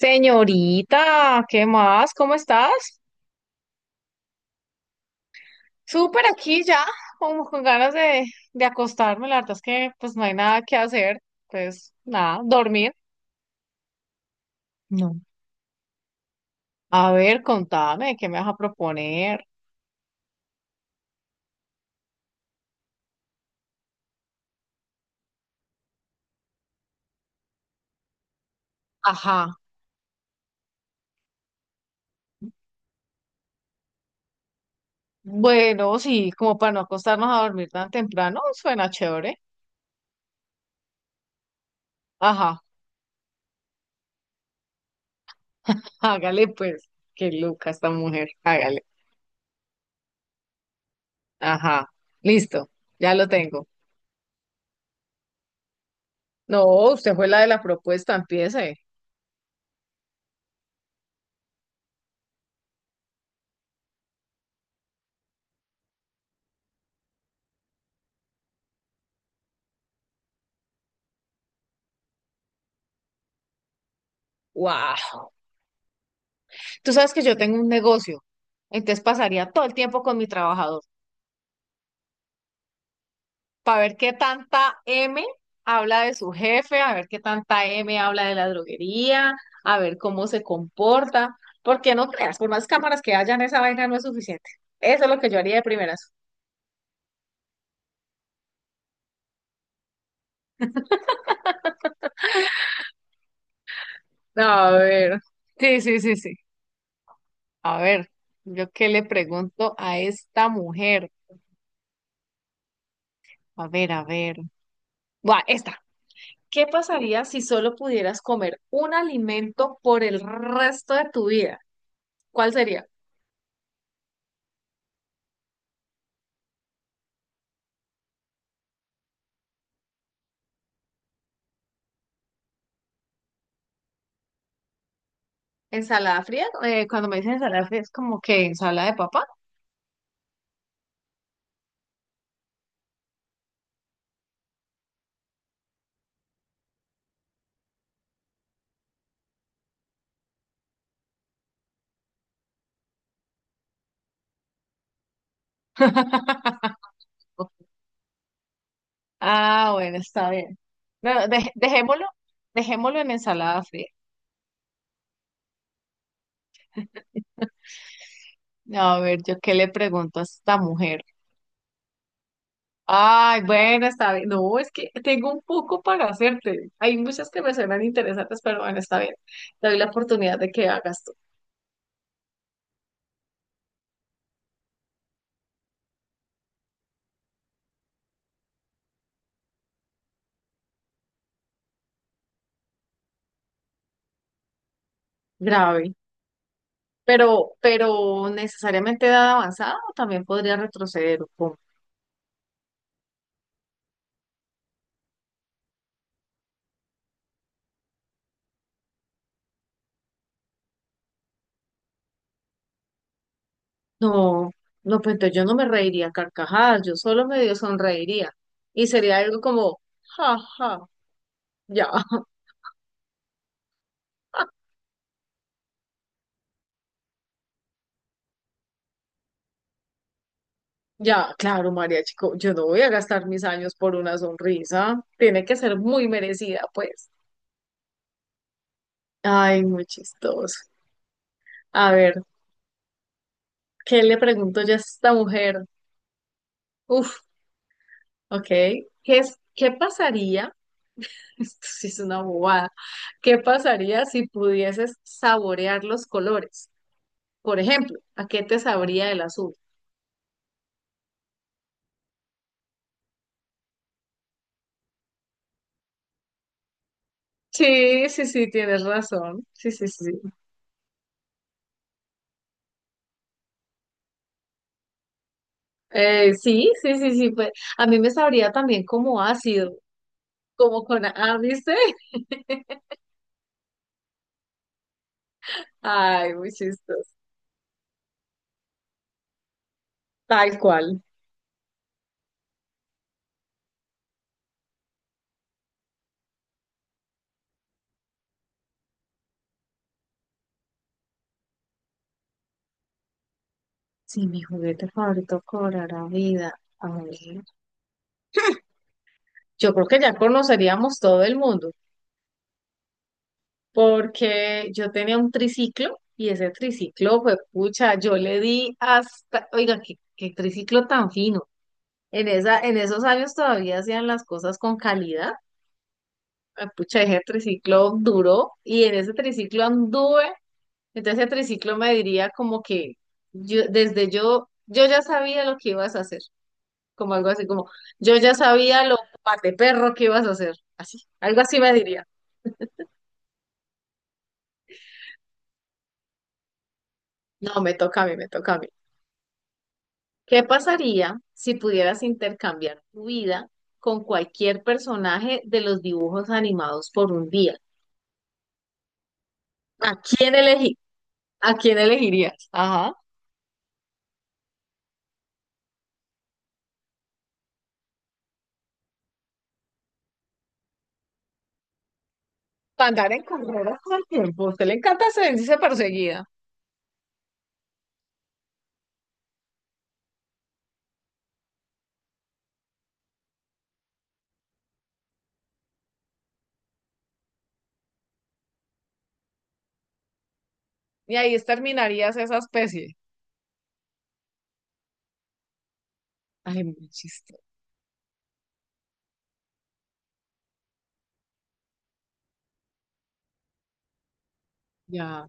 Señorita, ¿qué más? ¿Cómo estás? Súper aquí ya, como con ganas de acostarme. La verdad es que pues no hay nada que hacer. Pues nada, dormir. No. A ver, contame, ¿qué me vas a proponer? Ajá. Bueno, sí, como para no acostarnos a dormir tan temprano, suena chévere. Ajá, hágale pues. Qué loca esta mujer, hágale. Ajá, listo, ya lo tengo. No, usted fue la de la propuesta, empiece. ¡Wow! Tú sabes que yo tengo un negocio, entonces pasaría todo el tiempo con mi trabajador para ver qué tanta M habla de su jefe, a ver qué tanta M habla de la droguería, a ver cómo se comporta, porque no creas, por más cámaras que hayan, esa vaina no es suficiente. Eso es lo que yo haría de primeras. A ver, sí, sí, sí, sí. A ver, yo qué le pregunto a esta mujer. A ver, a ver. Buah, esta. ¿Qué pasaría si solo pudieras comer un alimento por el resto de tu vida? ¿Cuál sería? ¿Ensalada fría? Cuando me dicen ensalada fría es como que ensalada de papa. Ah, bueno, está bien. No, dejémoslo, dejémoslo en ensalada fría. No, a ver, yo qué le pregunto a esta mujer. Ay, bueno, está bien. No, es que tengo un poco para hacerte. Hay muchas que me suenan interesantes, pero bueno, está bien. Te doy la oportunidad de que hagas tú. Grave. Pero necesariamente edad avanzada o también podría retroceder. ¿O cómo? No, no, pues entonces yo no me reiría a carcajadas, yo solo medio sonreiría. Y sería algo como, ja, ja, ya, ya, claro, María Chico, yo no voy a gastar mis años por una sonrisa. Tiene que ser muy merecida, pues. Ay, muy chistoso. A ver, ¿qué le pregunto yo a esta mujer? Uf, ok. ¿Qué pasaría? Esto sí es una bobada. ¿Qué pasaría si pudieses saborear los colores? Por ejemplo, ¿a qué te sabría el azul? Sí, sí, sí, tienes razón. Sí, sí, sí. Sí, sí, sí, sí, pues, a mí me sabría también como ácido, como con... Ah, ¿viste? Ay, muy chistoso. Tal cual. Si mi juguete favorito cobrara vida, a ver, yo creo que ya conoceríamos todo el mundo. Porque yo tenía un triciclo y ese triciclo fue pucha, yo le di hasta, oiga, qué triciclo tan fino. En esos años todavía hacían las cosas con calidad. Ah, pucha, ese triciclo duró y en ese triciclo anduve. Entonces ese triciclo me diría como que yo, ya sabía lo que ibas a hacer, como algo así, como yo ya sabía lo pate perro que ibas a hacer, así, algo así me diría. No, me toca a mí, me toca a mí. ¿Qué pasaría si pudieras intercambiar tu vida con cualquier personaje de los dibujos animados por un día? ¿A quién elegí? ¿A quién elegirías? Ajá. Para andar en carreras todo el tiempo. A usted le encanta sentirse perseguida. Y ahí terminarías esa especie. Ay, muy chistoso. Ya.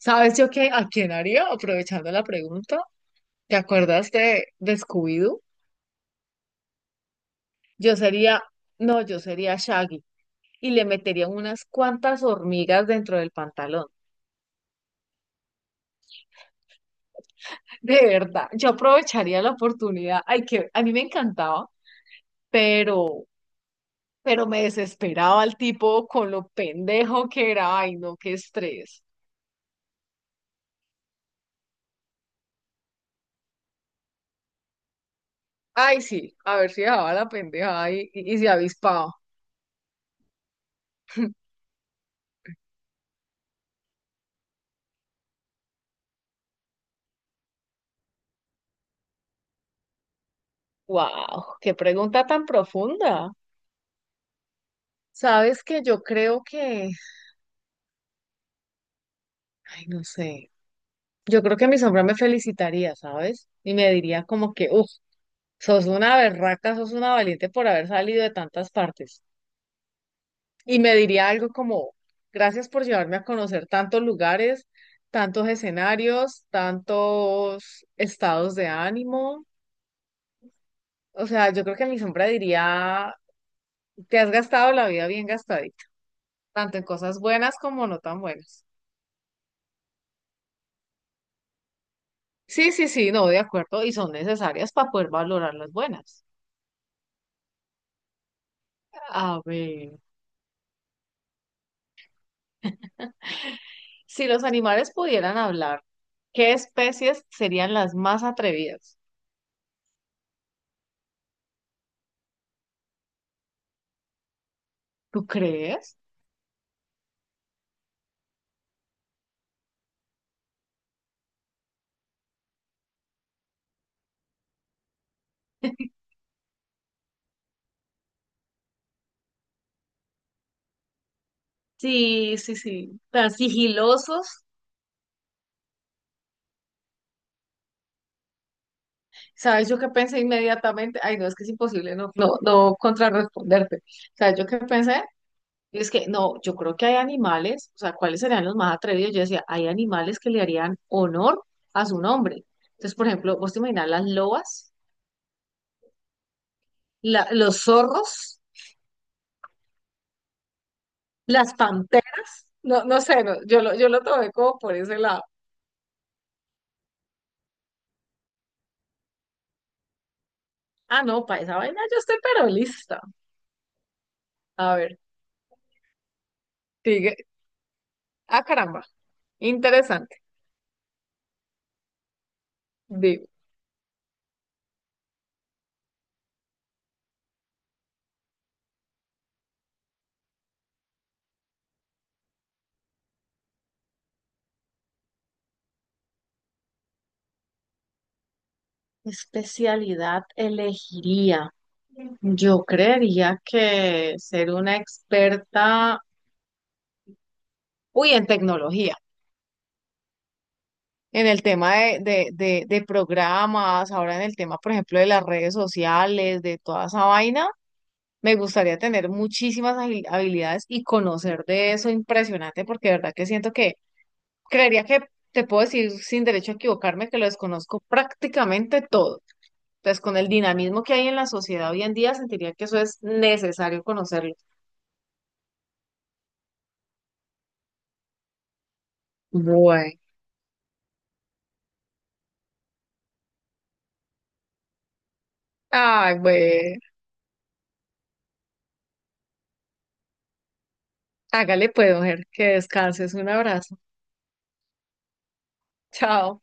¿Sabes yo qué? ¿A quién haría? Aprovechando la pregunta. ¿Te acuerdas de Scooby-Doo? Yo sería, no, yo sería Shaggy. Y le metería unas cuantas hormigas dentro del pantalón. De verdad, yo aprovecharía la oportunidad. Ay, que a mí me encantaba, pero, pero me desesperaba el tipo con lo pendejo que era. Ay, no, qué estrés. Ay, sí, a ver si dejaba la pendeja y se avispaba. Wow, qué pregunta tan profunda. Sabes que yo creo que, ay, no sé, yo creo que mi sombra me felicitaría, ¿sabes? Y me diría como que, uff, sos una berraca, sos una valiente por haber salido de tantas partes. Y me diría algo como, gracias por llevarme a conocer tantos lugares, tantos escenarios, tantos estados de ánimo. O sea, yo creo que mi sombra diría, te has gastado la vida bien gastadita, tanto en cosas buenas como no tan buenas. Sí, sí, sí, no, de acuerdo, y son necesarias para poder valorar las buenas. A ver, si los animales pudieran hablar, ¿qué especies serían las más atrevidas? ¿Tú crees? Sí, sí, sí. Tan sigilosos. ¿Sabes yo qué pensé inmediatamente? Ay, no, es que es imposible no contrarresponderte. ¿Sabes yo qué pensé? Y es que no, yo creo que hay animales, o sea, ¿cuáles serían los más atrevidos? Yo decía, hay animales que le harían honor a su nombre. Entonces, por ejemplo, vos te imaginas las lobas, los zorros, las panteras. No, no sé, no, yo lo tomé como por ese lado. Ah, no, para esa vaina yo estoy pero lista. A ver, sigue. Ah, caramba, interesante. ¿Qué especialidad elegiría? Yo creería que ser una experta, uy, en tecnología, en el tema de programas, ahora en el tema, por ejemplo, de las redes sociales, de toda esa vaina, me gustaría tener muchísimas habilidades y conocer de eso impresionante, porque de verdad que siento que, creería que te puedo decir sin derecho a equivocarme que lo desconozco prácticamente todo. Entonces, con el dinamismo que hay en la sociedad hoy en día, sentiría que eso es necesario conocerlo. Bueno. Ay, bueno. Hágale pues, mujer, que descanses. Un abrazo. Chao.